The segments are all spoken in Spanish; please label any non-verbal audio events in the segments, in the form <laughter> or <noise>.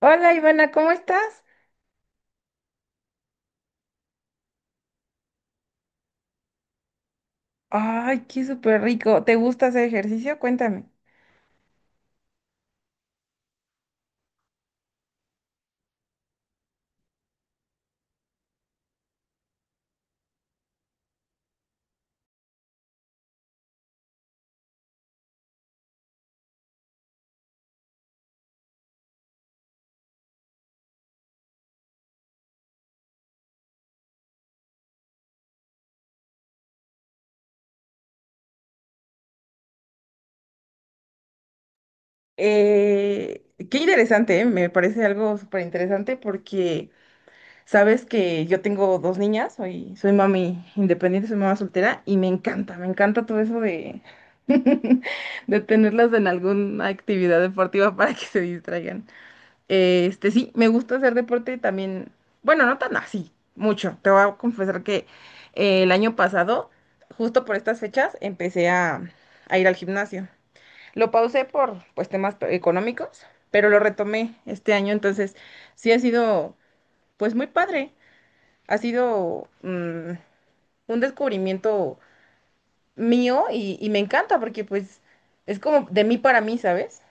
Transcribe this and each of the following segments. Hola Ivana, ¿cómo estás? Ay, qué súper rico. ¿Te gusta hacer ejercicio? Cuéntame. Qué interesante, ¿eh? Me parece algo súper interesante porque sabes que yo tengo dos niñas, soy mami independiente, soy mamá soltera y me encanta todo eso <laughs> de tenerlas en alguna actividad deportiva para que se distraigan. Sí, me gusta hacer deporte también. Bueno, no tan así, mucho. Te voy a confesar que el año pasado, justo por estas fechas, empecé a ir al gimnasio. Lo pausé por pues temas económicos, pero lo retomé este año, entonces sí ha sido pues muy padre. Ha sido un descubrimiento mío y me encanta porque pues es como de mí para mí, ¿sabes?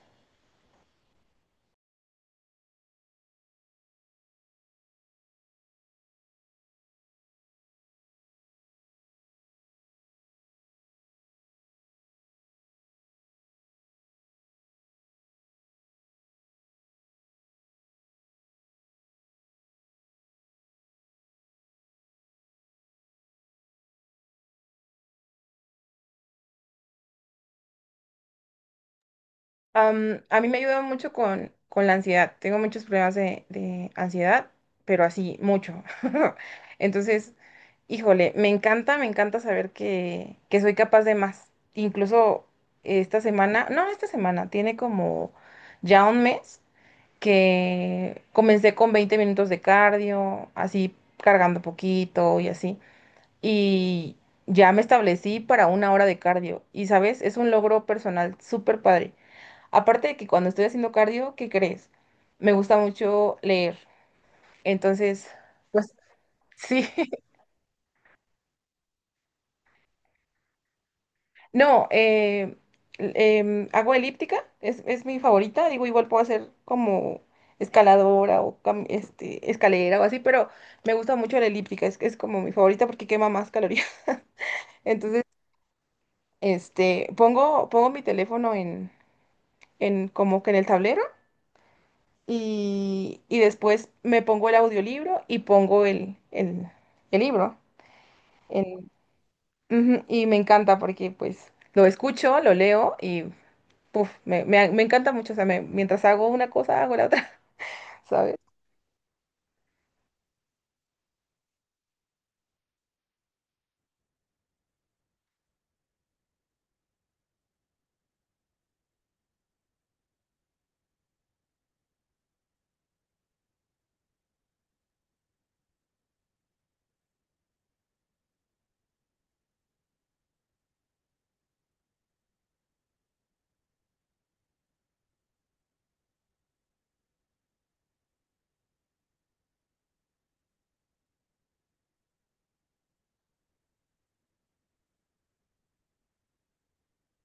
A mí me ayuda mucho con la ansiedad. Tengo muchos problemas de ansiedad, pero así, mucho. <laughs> Entonces, híjole, me encanta saber que soy capaz de más. Incluso esta semana, no, esta semana, tiene como ya un mes que comencé con 20 minutos de cardio, así cargando poquito y así. Y ya me establecí para una hora de cardio. Y sabes, es un logro personal súper padre. Aparte de que cuando estoy haciendo cardio, ¿qué crees? Me gusta mucho leer. Entonces, pues sí. <laughs> No, hago elíptica, es mi favorita. Digo, igual puedo hacer como escaladora o escalera o así, pero me gusta mucho la elíptica, es como mi favorita porque quema más calorías. <laughs> Entonces, pongo mi teléfono en como que en el tablero y después me pongo el audiolibro y pongo el libro. en- Ujú, y me encanta porque pues lo escucho, lo leo y puf, me encanta mucho. O sea, mientras hago una cosa, hago la otra, <laughs> ¿sabes?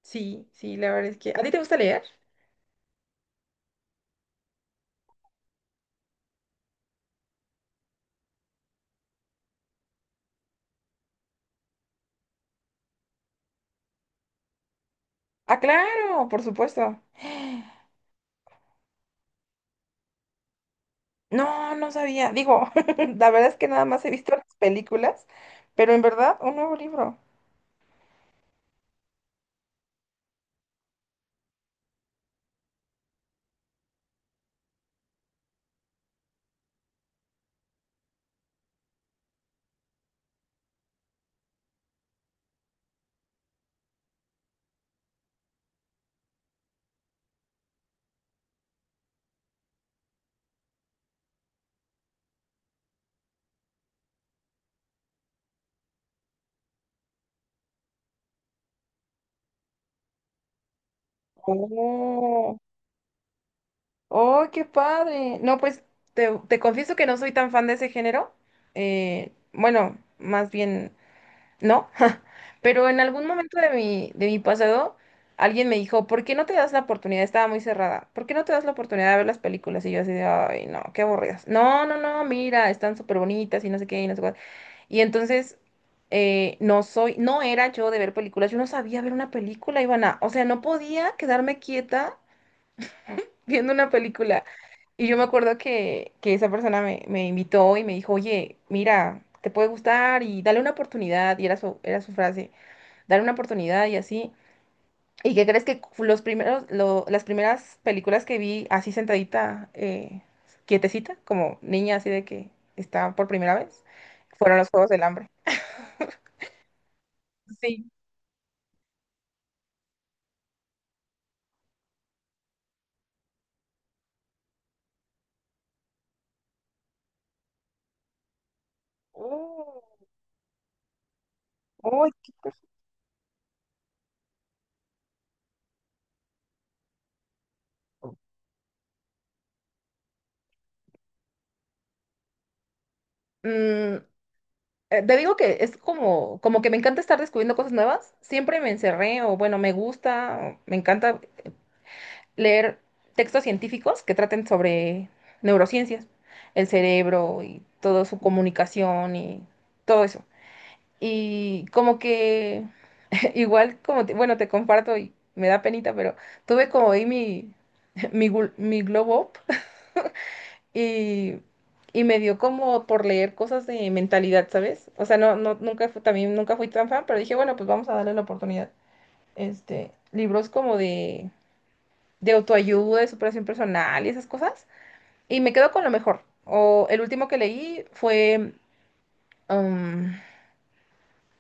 Sí, sí, la verdad es que... ¿A ti te gusta leer? Ah, claro, por supuesto. No, no sabía. Digo, <laughs> la verdad es que nada más he visto las películas, pero en verdad, un nuevo libro. Oh. ¡Oh, qué padre! No, pues te confieso que no soy tan fan de ese género. Bueno, más bien no. <laughs> Pero en algún momento de mi pasado, alguien me dijo, ¿por qué no te das la oportunidad? Estaba muy cerrada. ¿Por qué no te das la oportunidad de ver las películas? Y yo así de, ay, no, qué aburridas. No, no, no, mira, están súper bonitas y no sé qué y no sé cuál. Y entonces, no soy, no era yo de ver películas. Yo no sabía ver una película, Ivana. O sea, no podía quedarme quieta viendo una película. Y yo me acuerdo que esa persona me invitó y me dijo, oye, mira, te puede gustar y dale una oportunidad. Y era su frase, dale una oportunidad y así. ¿Y qué crees que las primeras películas que vi así sentadita, quietecita, como niña así de que está por primera vez, fueron los Juegos del Hambre? Sí. Oh, oh. Te digo que es como, como que me encanta estar descubriendo cosas nuevas. Siempre me encerré, o bueno, me gusta, o me encanta leer textos científicos que traten sobre neurociencias, el cerebro y toda su comunicación y todo eso. Y como que, <laughs> igual como, bueno, te comparto y me da penita, pero tuve como ahí <laughs> mi globo y, y me dio como por leer cosas de mentalidad, ¿sabes? O sea, no, no, nunca fui, también nunca fui tan fan, pero dije, bueno, pues vamos a darle la oportunidad. Libros como de autoayuda, de superación personal y esas cosas. Y me quedo con lo mejor. O el último que leí fue um,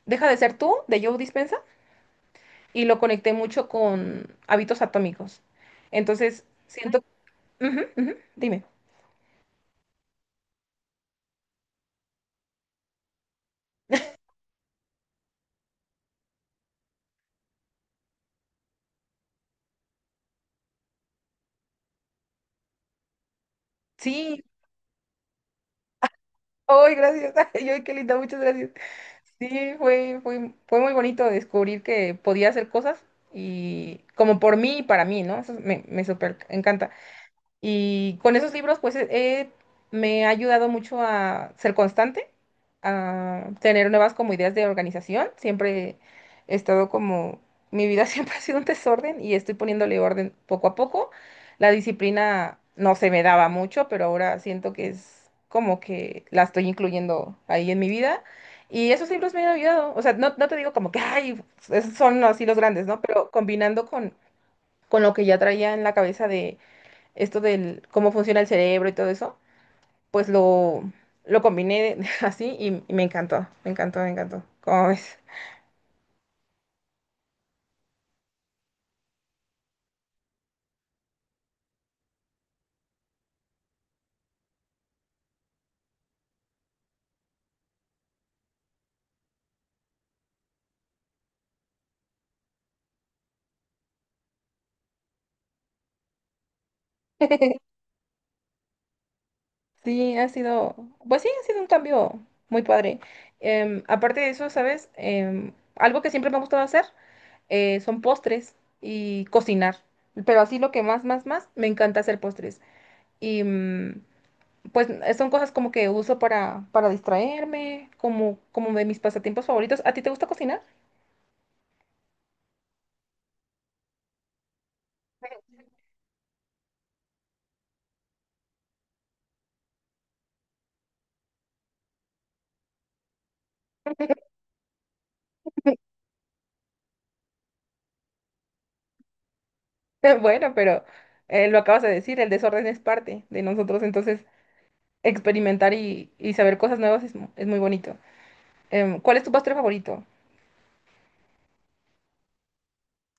Deja de ser tú, de Joe Dispensa y lo conecté mucho con hábitos atómicos. Entonces, siento... Ujú, ujú, dime. Sí. ¡Ay, gracias! <laughs> ¡Ay, ay, qué linda! Muchas gracias. Sí, fue muy bonito descubrir que podía hacer cosas y como por mí y para mí, ¿no? Eso me súper encanta. Y con esos libros, pues me ha ayudado mucho a ser constante, a tener nuevas como ideas de organización. Siempre he estado como, mi vida <laughs> siempre ha sido un desorden y estoy poniéndole orden poco a poco. La disciplina no se me daba mucho, pero ahora siento que es como que la estoy incluyendo ahí en mi vida. Y esos libros me han ayudado. O sea, no, no te digo como que, ay, esos son así los grandes, ¿no? Pero combinando con lo que ya traía en la cabeza de esto del cómo funciona el cerebro y todo eso, pues lo combiné <laughs> así y me encantó, me encantó, me encantó. ¿Cómo ves? <laughs> Sí, ha sido, pues sí, ha sido un cambio muy padre. Aparte de eso, ¿sabes? Algo que siempre me ha gustado hacer son postres y cocinar. Pero así lo que más, más, más, me encanta hacer postres. Y pues son cosas como que uso para distraerme, como de mis pasatiempos favoritos. ¿A ti te gusta cocinar? <laughs> <laughs> Bueno, pero lo acabas de decir, el desorden es parte de nosotros, entonces experimentar y saber cosas nuevas es muy bonito. ¿Cuál es tu postre favorito?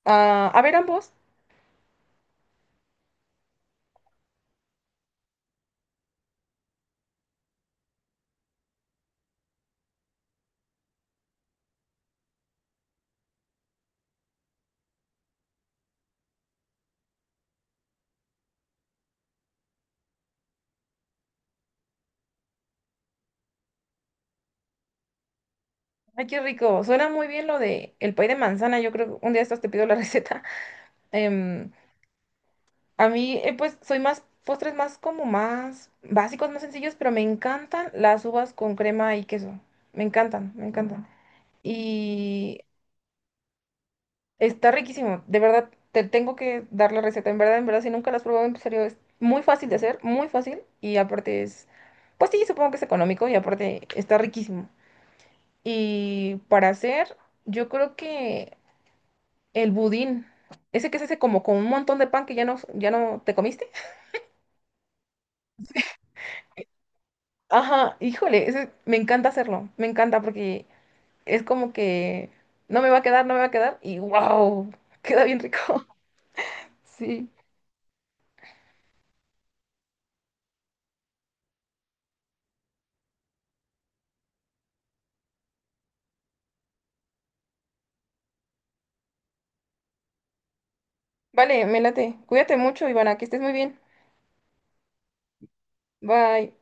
Ah, a ver, ambos. Ay, qué rico. Suena muy bien lo de el pay de manzana. Yo creo que un día de estos te pido la <laughs> receta. Em, a mí, pues, soy más postres más como más básicos, más sencillos, pero me encantan las uvas con crema y queso. Me encantan, me encantan. Y está riquísimo, de verdad, te tengo que dar la receta, en verdad, si nunca la has probado, en serio, es muy fácil de hacer, muy fácil, y aparte es, pues sí, supongo que es económico, y aparte está riquísimo. Y para hacer, yo creo que el budín, ese que se hace como con un montón de pan que ya no te comiste. Ajá, híjole, ese, me encanta hacerlo, me encanta porque es como que no me va a quedar, no me va a quedar, y wow, queda bien rico, <laughs> sí. Vale, me late, cuídate mucho, Ivana, que estés muy bien. Bye.